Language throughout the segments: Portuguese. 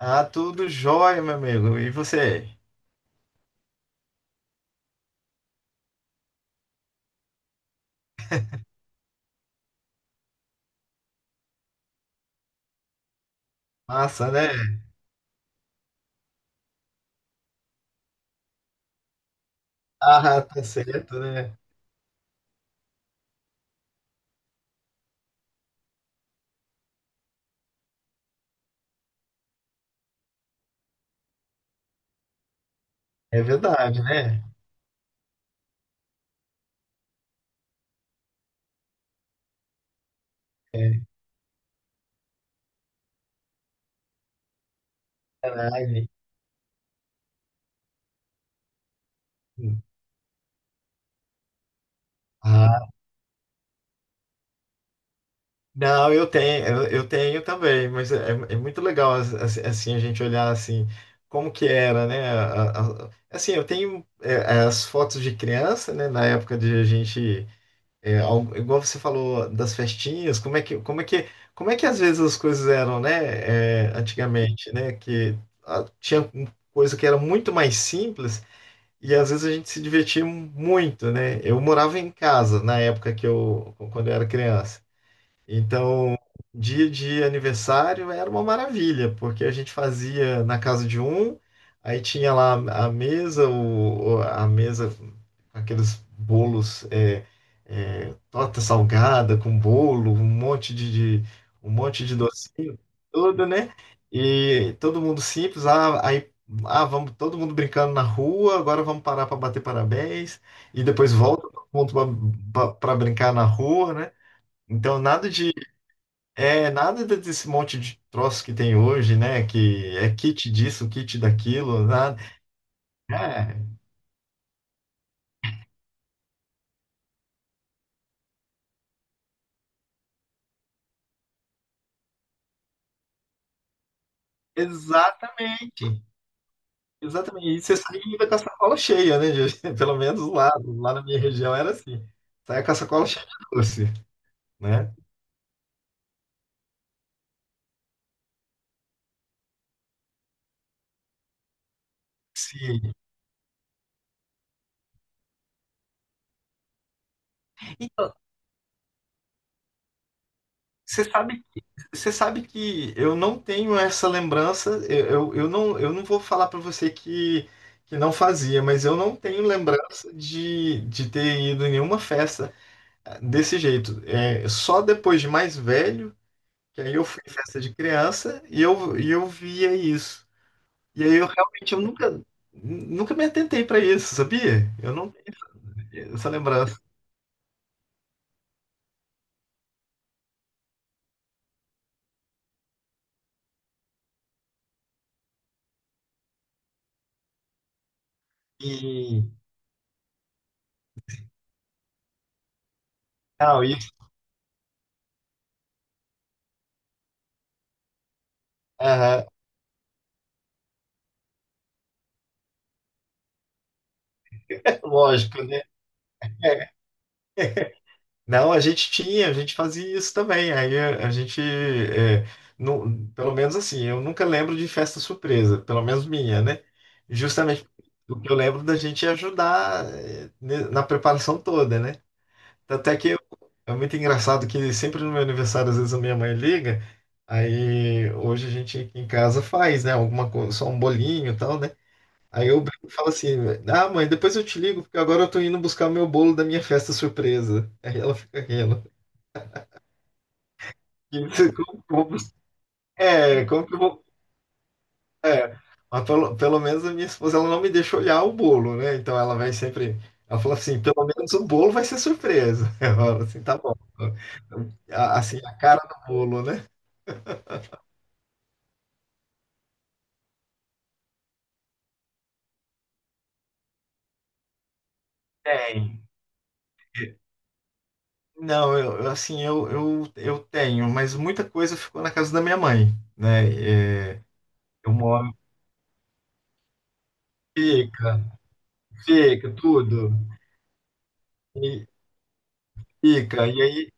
Ah, tudo jóia, meu amigo. E você? Massa, né? Ah, tá certo, né? É verdade, né? É, caralho. Ah, não, eu tenho, eu tenho também, mas é muito legal assim a gente olhar assim como que era, né? Assim, eu tenho as fotos de criança, né? Na época de a gente. Igual você falou das festinhas, como é que, como é que, como é que às vezes as coisas eram, né? Antigamente, né? Que ah, tinha um- coisa que era muito mais simples e às vezes a gente se divertia muito, né? Eu morava em casa na época quando eu era criança. Então, dia de aniversário era uma maravilha, porque a gente fazia na casa de um, aí tinha lá a mesa, a mesa, com aqueles bolos, torta salgada com bolo, um monte de docinho, tudo, né? E todo mundo simples, aí vamos todo mundo brincando na rua, agora vamos parar para bater parabéns, e depois volta todo mundo para brincar na rua, né? Então, nada de desse monte de troço que tem hoje, né? Que é kit disso, kit daquilo, nada. É, exatamente. Exatamente. E você sai ainda com a sacola cheia, né? Pelo menos lá na minha região era assim. Sai com a sacola cheia de doce, né? Sim. Então, você sabe, você sabe que eu não tenho essa lembrança. Eu não vou falar para você que não fazia, mas eu não tenho lembrança de ter ido em nenhuma festa desse jeito, só depois de mais velho, que aí eu fui em festa de criança e eu via isso. E aí eu realmente, eu nunca me atentei para isso, sabia? Eu não tenho essa lembrança. E, não, aham, é lógico, né? Não, a gente fazia isso também. Aí não, pelo menos assim, eu nunca lembro de festa surpresa, pelo menos minha, né? Justamente o que eu lembro da gente ajudar, na preparação toda, né? Até que eu- é muito engraçado que sempre no meu aniversário, às vezes a minha mãe liga, aí hoje a gente aqui em casa faz, né? Alguma coisa, só um bolinho e tal, né? Aí eu brinco e falo assim: Ah, mãe, depois eu te ligo, porque agora eu tô indo buscar o meu bolo da minha festa surpresa. Aí ela fica rindo. E você, como que eu vou bus-. É, como que eu vou. É, mas pelo menos a minha esposa ela não me deixa olhar o bolo, né? Então ela vai sempre. Ela fala assim: pelo menos o bolo vai ser surpresa. Eu falo assim: tá bom. Então, assim, a cara do bolo, né? Tem. Não, assim, eu tenho, mas muita coisa ficou na casa da minha mãe, né? Eu moro, fica, fica, tudo, e fica. E aí,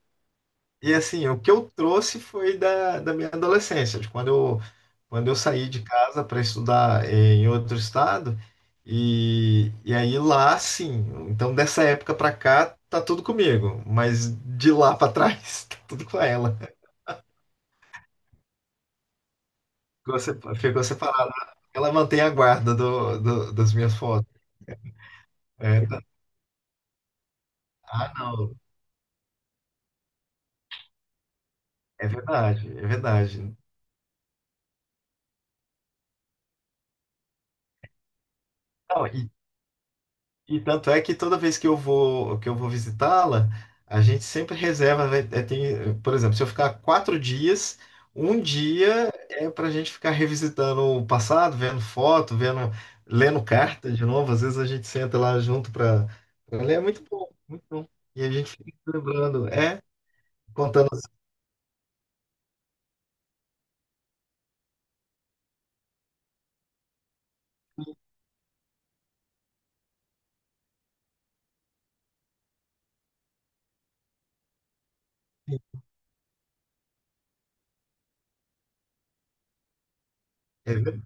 e assim, o que eu trouxe foi da minha adolescência, de quando eu saí de casa para estudar, em outro estado, e aí lá, sim. Então, dessa época para cá, tá tudo comigo, mas de lá para trás, tá tudo com ela. Ficou separado. Ela mantém a guarda das minhas fotos. É, não. É verdade, é verdade. Não, e tanto é que toda vez que eu vou visitá-la, a gente sempre reserva. Tem, por exemplo, se eu ficar 4 dias, um dia é para a gente ficar revisitando o passado, vendo foto, lendo carta de novo. Às vezes a gente senta lá junto para ler. É muito bom, muito bom. E a gente fica lembrando, contando assim. É verdade.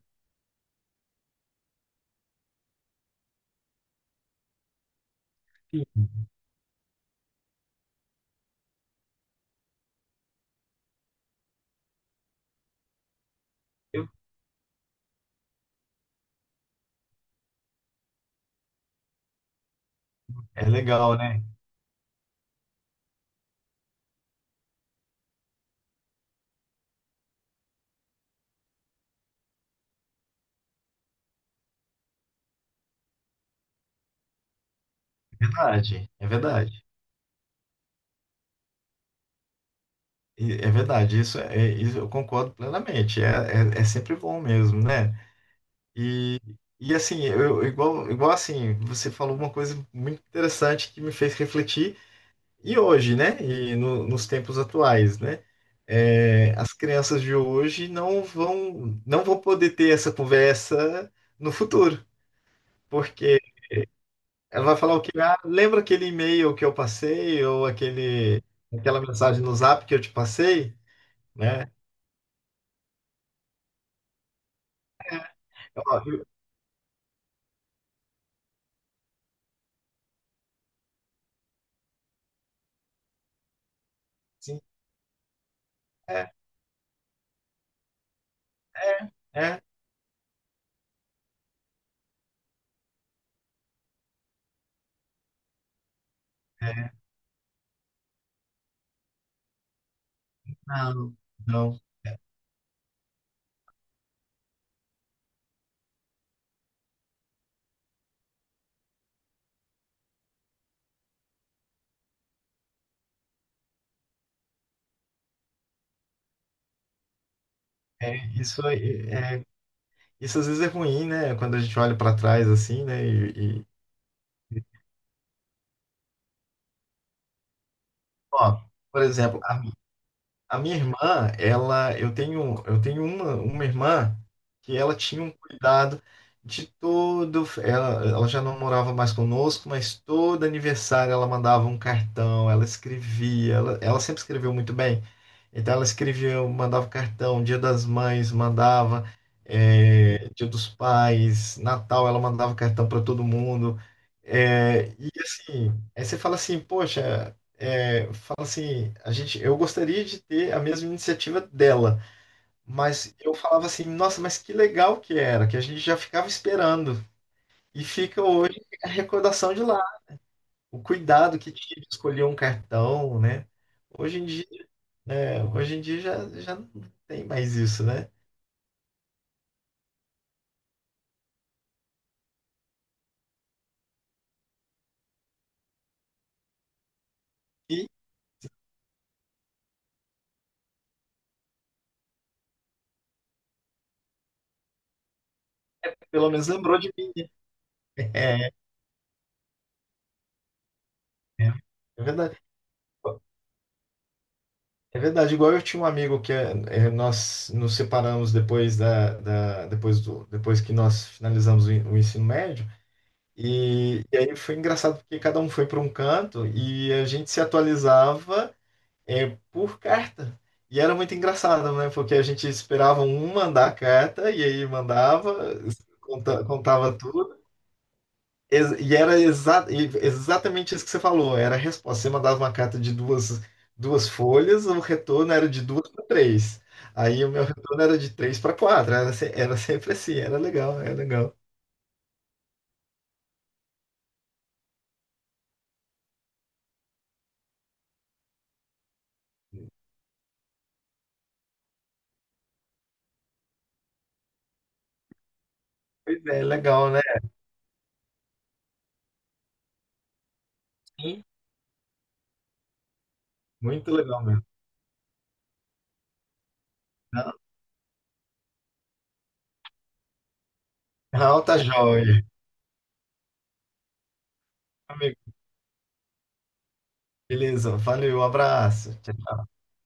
É legal, né? É verdade, é verdade. É verdade, isso eu concordo plenamente. É sempre bom mesmo, né? E, e assim, igual assim, você falou uma coisa muito interessante que me fez refletir, e hoje, né? E nos tempos atuais, né? As crianças de hoje não vão poder ter essa conversa no futuro, porque ela vai falar o quê? Ah, lembra aquele e-mail que eu passei ou aquela mensagem no Zap que eu te passei, né? Ó, eu- sim, é, é, é, é, não, não. Isso, aí, isso às vezes é ruim, né? Quando a gente olha para trás assim, né? E, ó, por exemplo, a minha irmã, eu tenho uma irmã que ela tinha um cuidado de todo. Ela já não morava mais conosco, mas todo aniversário ela mandava um cartão, ela escrevia, ela sempre escreveu muito bem. Então ela escrevia, mandava cartão, Dia das Mães, mandava, Dia dos Pais, Natal, ela mandava cartão para todo mundo. E assim, aí você fala assim, poxa, fala assim, eu gostaria de ter a mesma iniciativa dela, mas eu falava assim, nossa, mas que legal que era, que a gente já ficava esperando. E fica hoje a recordação de lá, o cuidado que tinha de escolher um cartão, né? Hoje em dia hoje em dia já não tem mais isso, né? E pelo menos lembrou de mim. né? É verdade. É verdade. Igual eu tinha um amigo que nós nos separamos depois da, da- depois do, depois que nós finalizamos o ensino médio. E, aí foi engraçado porque cada um foi para um canto e a gente se atualizava por carta. E era muito engraçado, né? Porque a gente esperava um mandar a carta e aí mandava, contava tudo. E era exatamente isso que você falou. Era a resposta. Você mandava uma carta de duas folhas, o retorno era de duas para três. Aí o meu retorno era de três para quatro. Era, se- era sempre assim. Era legal, era legal. Pois é, legal, né? Sim. Muito legal mesmo. Não, não, tá joia. Amigo, beleza. Valeu, um abraço.